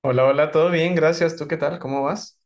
Hola, hola, todo bien, gracias. ¿Tú qué tal? ¿Cómo vas?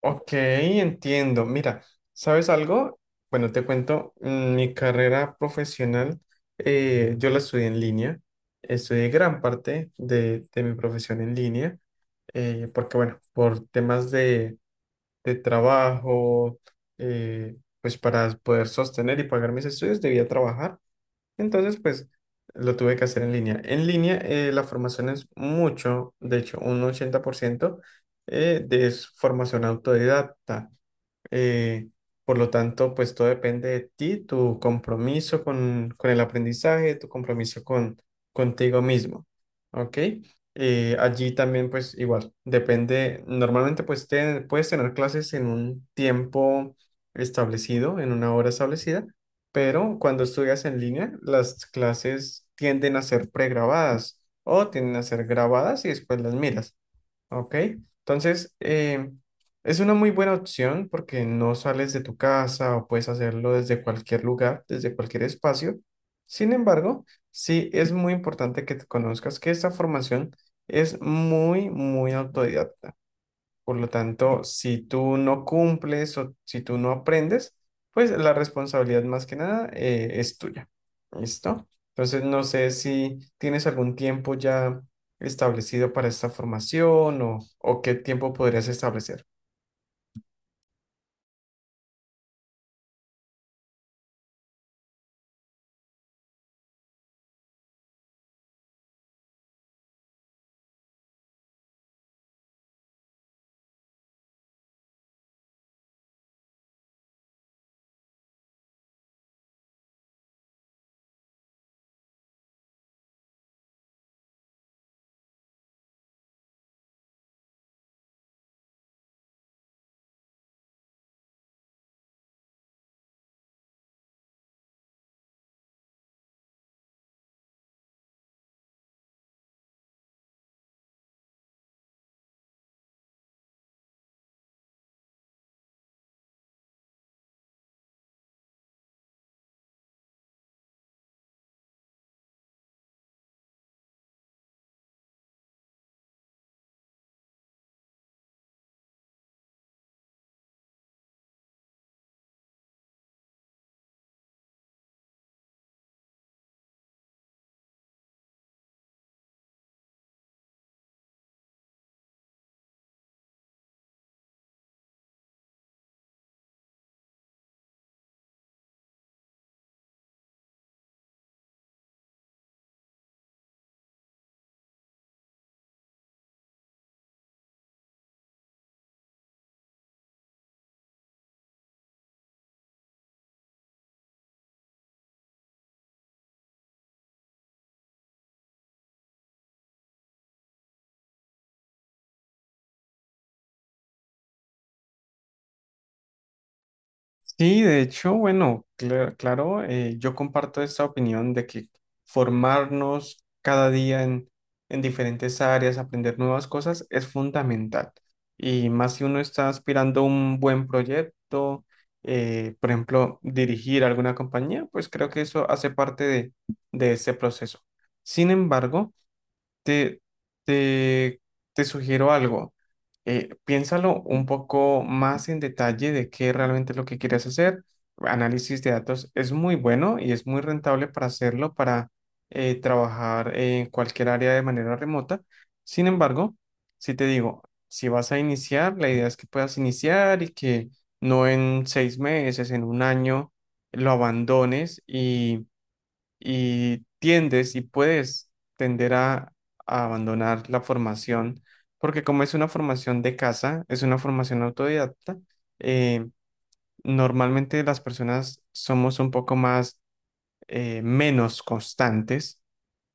Ok, entiendo. Mira, ¿sabes algo? Bueno, te cuento, mi carrera profesional, yo la estudié en línea. Estudié gran parte de mi profesión en línea, porque bueno, por temas de trabajo, eh, pues para poder sostener y pagar mis estudios debía trabajar. Entonces, pues lo tuve que hacer en línea. En línea, la formación es mucho, de hecho, un 80% de es formación autodidacta. Eh, por lo tanto, pues todo depende de ti, tu compromiso con el aprendizaje, tu compromiso con contigo mismo, ¿ok? Allí también, pues igual, depende, normalmente puedes tener clases en un tiempo establecido, en una hora establecida, pero cuando estudias en línea, las clases tienden a ser pregrabadas o tienden a ser grabadas y después las miras. Ok, entonces es una muy buena opción porque no sales de tu casa o puedes hacerlo desde cualquier lugar, desde cualquier espacio. Sin embargo, sí es muy importante que te conozcas que esta formación es muy, muy autodidacta. Por lo tanto, si tú no cumples o si tú no aprendes, pues la responsabilidad más que nada es tuya. ¿Listo? Entonces, no sé si tienes algún tiempo ya establecido para esta formación o qué tiempo podrías establecer. Sí, de hecho, bueno, claro, yo comparto esta opinión de que formarnos cada día en diferentes áreas, aprender nuevas cosas es fundamental. Y más si uno está aspirando a un buen proyecto, por ejemplo, dirigir alguna compañía, pues creo que eso hace parte de ese proceso. Sin embargo, te, te, te sugiero algo. Piénsalo un poco más en detalle de qué realmente es lo que quieres hacer. Análisis de datos es muy bueno y es muy rentable para hacerlo, para trabajar en cualquier área de manera remota. Sin embargo, si te digo, si vas a iniciar, la idea es que puedas iniciar y que no en seis meses, en un año, lo abandones y tiendes y puedes tender a abandonar la formación, porque como es una formación de casa, es una formación autodidacta, eh, normalmente las personas somos un poco más menos constantes.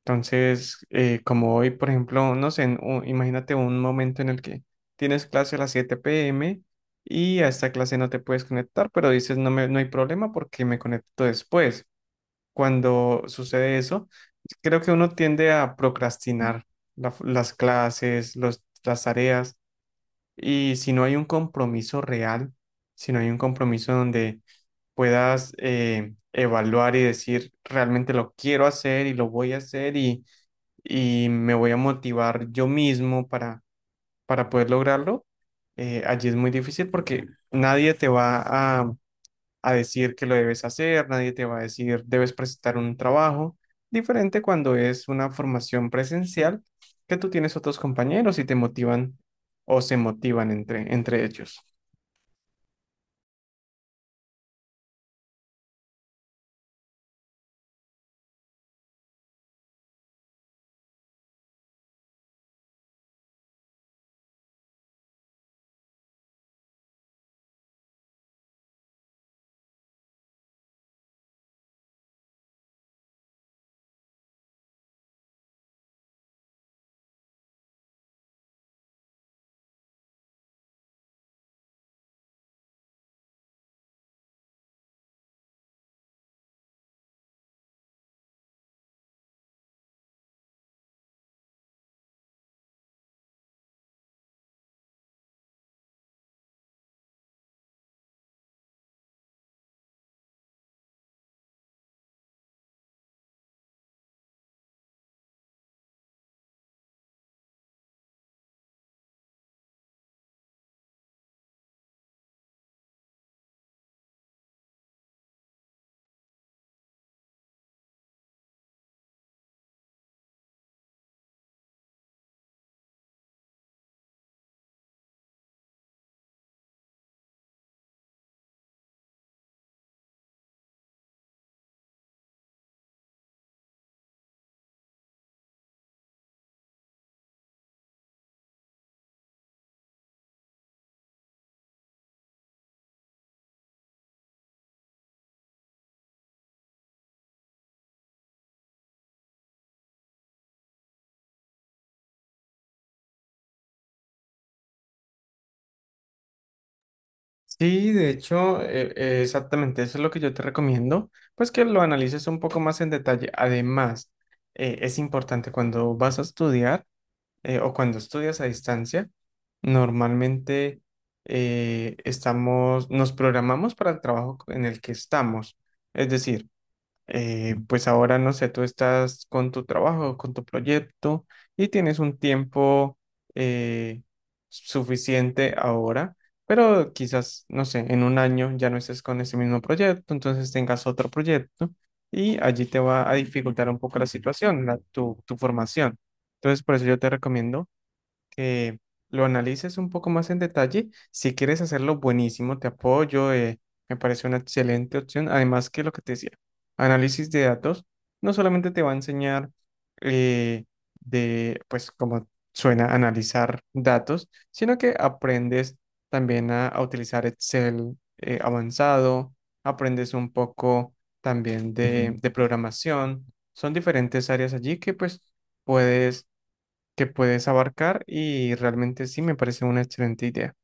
Entonces, como hoy, por ejemplo, no sé, imagínate un momento en el que tienes clase a las 7 p.m. y a esta clase no te puedes conectar, pero dices, no me, no hay problema porque me conecto después cuando sucede eso, creo que uno tiende a procrastinar las clases, las tareas, y si no hay un compromiso real, si no hay un compromiso donde puedas evaluar y decir, realmente lo quiero hacer y lo voy a hacer y me voy a motivar yo mismo para poder lograrlo, allí es muy difícil porque nadie te va a decir que lo debes hacer, nadie te va a decir debes presentar un trabajo, diferente cuando es una formación presencial que tú tienes otros compañeros y te motivan o se motivan entre, entre ellos. Sí, de hecho, exactamente eso es lo que yo te recomiendo, pues que lo analices un poco más en detalle. Además, es importante cuando vas a estudiar o cuando estudias a distancia, normalmente estamos, nos programamos para el trabajo en el que estamos. Es decir, pues ahora no sé, tú estás con tu trabajo, con tu proyecto y tienes un tiempo eh, suficiente ahora, pero quizás, no sé, en un año ya no estés con ese mismo proyecto, entonces tengas otro proyecto y allí te va a dificultar un poco la situación, tu formación. Entonces, por eso yo te recomiendo que lo analices un poco más en detalle. Si quieres hacerlo, buenísimo, te apoyo, me parece una excelente opción. Además que lo que te decía, análisis de datos no solamente te va a enseñar eh, de, pues como suena, analizar datos, sino que aprendes también a utilizar Excel avanzado, aprendes un poco también de, Ujú. De programación. Son diferentes áreas allí que pues puedes que puedes abarcar y realmente sí me parece una excelente idea.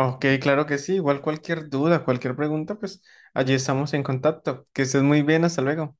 Ok, claro que sí. Igual cualquier duda, cualquier pregunta, pues allí estamos en contacto. Que estés muy bien, hasta luego.